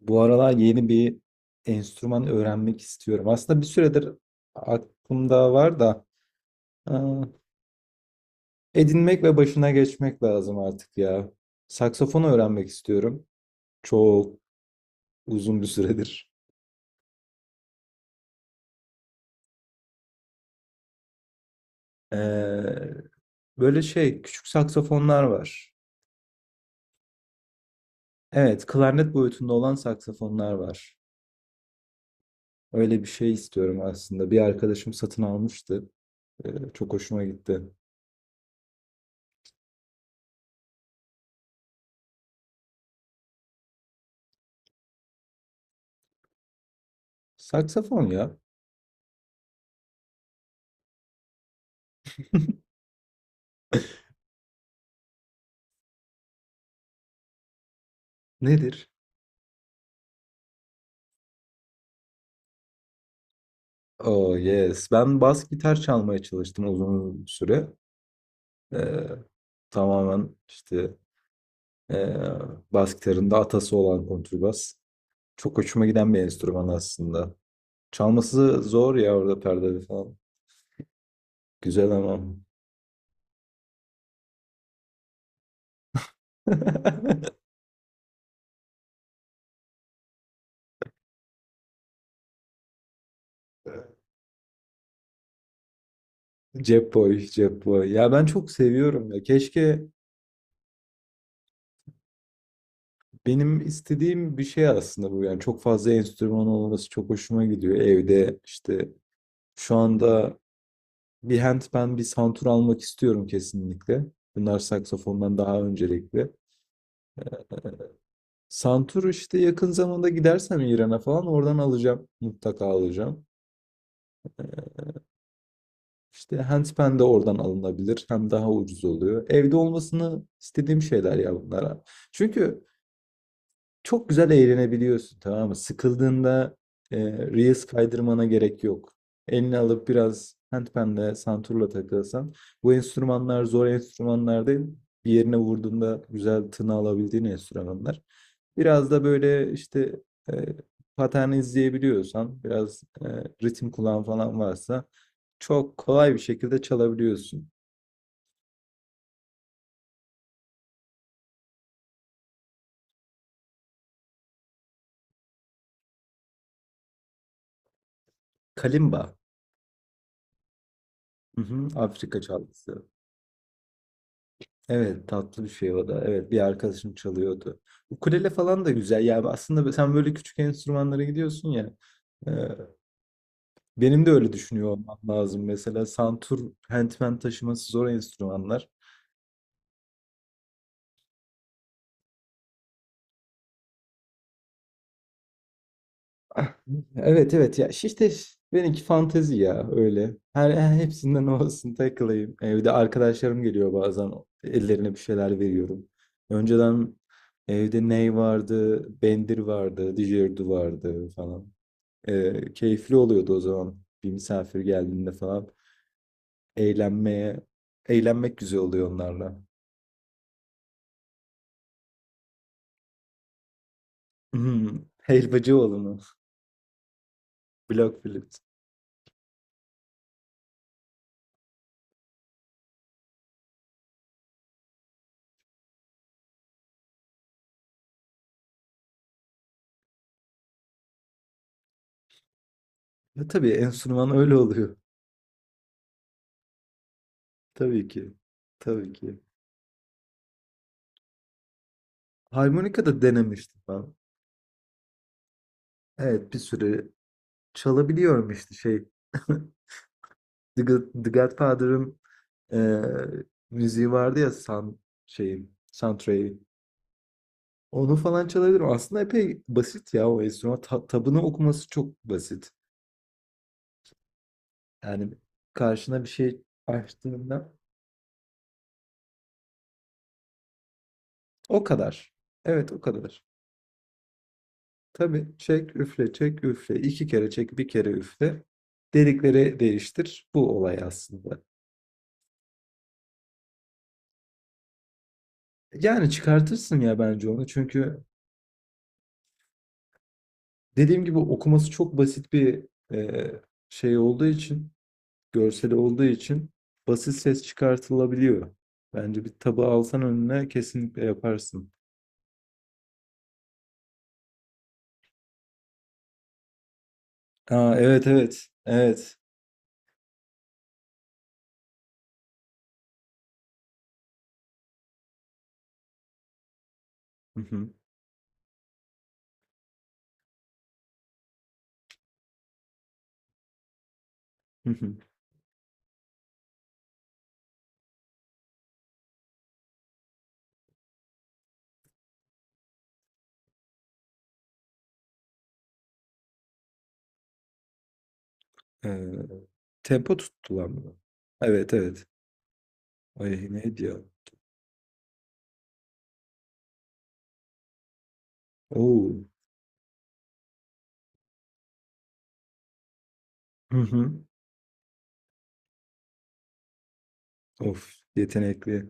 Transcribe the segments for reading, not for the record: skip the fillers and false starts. Bu aralar yeni bir enstrüman öğrenmek istiyorum. Aslında bir süredir aklımda var da ıı, edinmek ve başına geçmek lazım artık ya. Saksafon öğrenmek istiyorum. Çok uzun bir süredir. Ee, böyle şey küçük saksafonlar var. Evet, klarnet boyutunda olan saksafonlar var. Öyle bir şey istiyorum aslında. Bir arkadaşım satın almıştı. Ee, çok hoşuma gitti. Saksafon ya. Nedir? Oh yes. Ben bas gitar çalmaya çalıştım uzun süre. Ee, tamamen işte ee, bas gitarın da atası olan kontrbas. Çok hoşuma giden bir enstrüman aslında. Çalması zor ya orada perdeli falan. Güzel ama. Cep boy, cep boy. Ya ben çok seviyorum ya. Keşke benim istediğim bir şey aslında bu. Yani çok fazla enstrüman olması çok hoşuma gidiyor. Evde işte şu anda bir handpan, bir santur almak istiyorum kesinlikle. Bunlar saksafondan daha öncelikli. Santur işte yakın zamanda gidersem İran'a falan oradan alacağım. Mutlaka alacağım. İşte handpan de oradan alınabilir. Hem daha ucuz oluyor. Evde olmasını istediğim şeyler ya bunlara. Çünkü çok güzel eğlenebiliyorsun, tamam mı? Sıkıldığında Reels kaydırmana gerek yok. Elini alıp biraz handpan'le, santurla takılsan. Bu enstrümanlar zor enstrümanlar değil. Bir yerine vurduğunda güzel tını alabildiğin enstrümanlar. Biraz da böyle işte e, pattern izleyebiliyorsan, biraz ritim kulağın falan varsa çok kolay bir şekilde çalabiliyorsun. Kalimba. Hı hı, Afrika çalgısı. Evet, tatlı bir şey o da. Evet, bir arkadaşım çalıyordu. Ukulele falan da güzel. Yani aslında sen böyle küçük enstrümanlara gidiyorsun ya. e, benim de öyle düşünüyor olmam lazım. Mesela santur, hentmen taşıması zor enstrümanlar. Ah, evet evet ya işte benimki fantezi ya öyle. Her hepsinden olsun takılayım. Evde arkadaşlarım geliyor bazen ellerine bir şeyler veriyorum. Önceden evde ney vardı, bendir vardı, didgeridoo vardı falan. Keyifli oluyordu o zaman. Bir misafir geldiğinde falan. Eğlenmeye, eğlenmek güzel oluyor onlarla. Hmm, Helvacıoğlu mu? Block flüt. Ya tabii enstrüman öyle oluyor. Tabii ki. Tabii ki. Harmonika da denemiştim ben. Evet, bir süre çalabiliyorum işte şey. The Godfather'ın eee, müziği vardı ya san şeyin, soundtrack'i. Onu falan çalabilirim. Aslında epey basit ya o enstrüman. Tabını okuması çok basit. Yani karşına bir şey açtığında o kadar. Evet, o kadar. Tabii, çek üfle çek üfle. İki kere çek, bir kere üfle. Delikleri değiştir. Bu olay aslında. Yani çıkartırsın ya bence onu. Çünkü dediğim gibi okuması çok basit bir e, şey olduğu için, görseli olduğu için basit ses çıkartılabiliyor. Bence bir tabağı alsan önüne kesinlikle yaparsın. Aa, evet evet evet. Hı hı, hı hı. Eee, tempo tuttular mı? Evet, evet. Ay neydi ya? Oo. Hı hı. Of, yetenekli.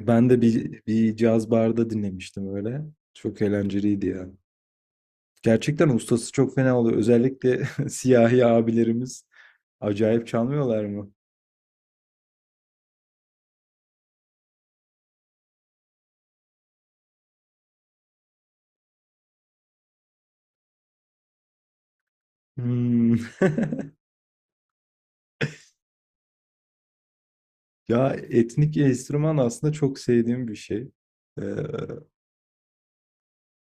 Ben de bir, bir caz barda dinlemiştim öyle. Çok eğlenceliydi ya. Gerçekten ustası çok fena oluyor. Özellikle siyahi abilerimiz acayip çalmıyorlar mı? Hmm. Ya etnik enstrüman aslında çok sevdiğim bir şey. Ee,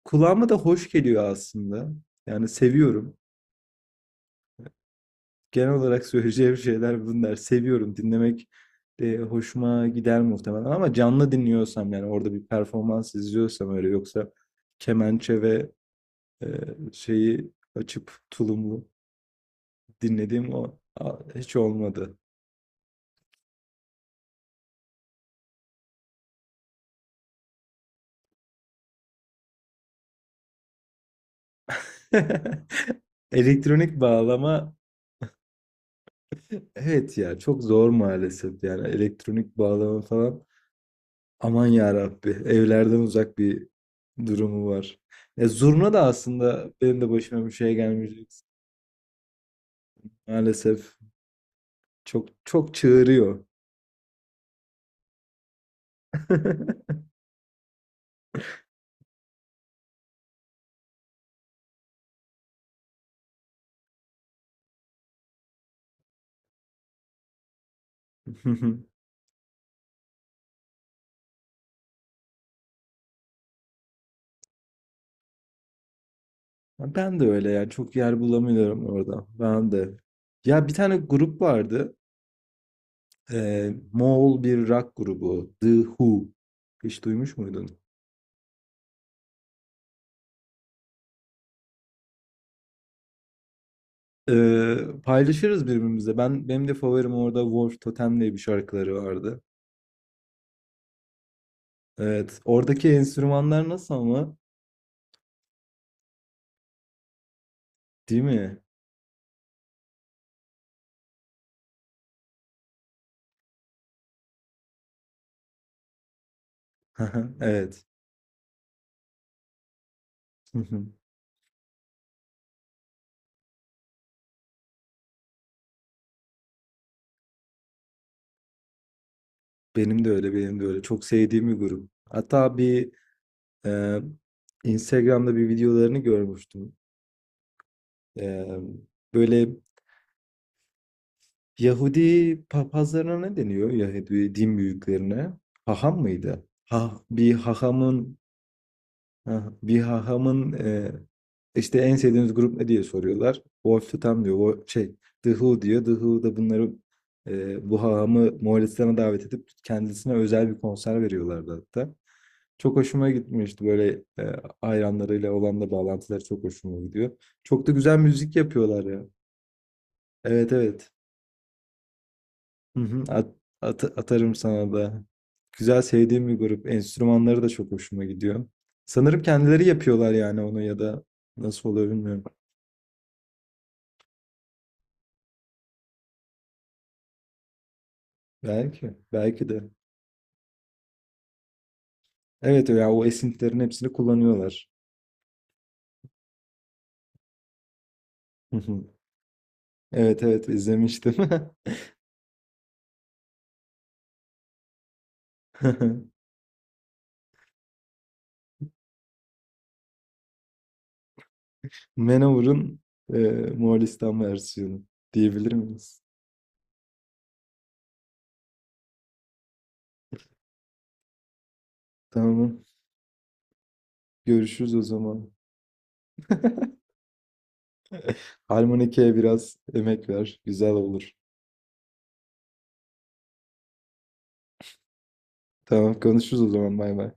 kulağıma da hoş geliyor aslında. Yani seviyorum. Genel olarak söyleyeceğim şeyler bunlar. Seviyorum dinlemek de hoşuma gider muhtemelen ama canlı dinliyorsam, yani orada bir performans izliyorsam öyle, yoksa kemençe ve e, şeyi açıp tulumlu dinlediğim hiç olmadı. Elektronik bağlama, evet ya çok zor maalesef, yani elektronik bağlama falan aman ya Rabbi, evlerden uzak bir durumu var. Ya zurna da aslında benim de başıma bir şey gelmeyecek. Maalesef çok çok çığırıyor. Ben de öyle, yani çok yer bulamıyorum orada. Ben de. Ya bir tane grup vardı. Moğol bir rock grubu. The Who. Hiç duymuş muydun? Ee, paylaşırız birbirimize. Benim de favorim orada Wolf Totem diye bir şarkıları vardı. Evet. Oradaki enstrümanlar nasıl ama? Değil mi? Evet. Benim de öyle, benim de öyle. Çok sevdiğim bir grup. Hatta bir Ee, Instagram'da bir videolarını görmüştüm. Ee, böyle Yahudi papazlarına ne deniyor? Yahudi din büyüklerine. Haham mıydı? Ha, bir hahamın işte en sevdiğiniz grup ne diye soruyorlar. Wolf Tam diyor. O şey The Who diyor. The Who da bunları bu hahamı Moğolistan'a davet edip kendisine özel bir konser veriyorlardı hatta. Çok hoşuma gitmişti böyle, hayranlarıyla olan da bağlantıları çok hoşuma gidiyor. Çok da güzel müzik yapıyorlar ya. Evet evet. Hı hı. Atarım sana da. Güzel, sevdiğim bir grup. Enstrümanları da çok hoşuma gidiyor. Sanırım kendileri yapıyorlar yani onu, ya da nasıl oluyor bilmiyorum. Belki, belki de. Evet ya, o esintilerin hepsini kullanıyorlar. Hı hı. Evet evet, izlemiştim. Manowar'ın e, Moğolistan versiyonu diyebilir miyiz? Tamam. Görüşürüz o zaman. Harmonike'ye biraz emek ver. Güzel olur. Tamam, konuşuruz o zaman. Bay bay.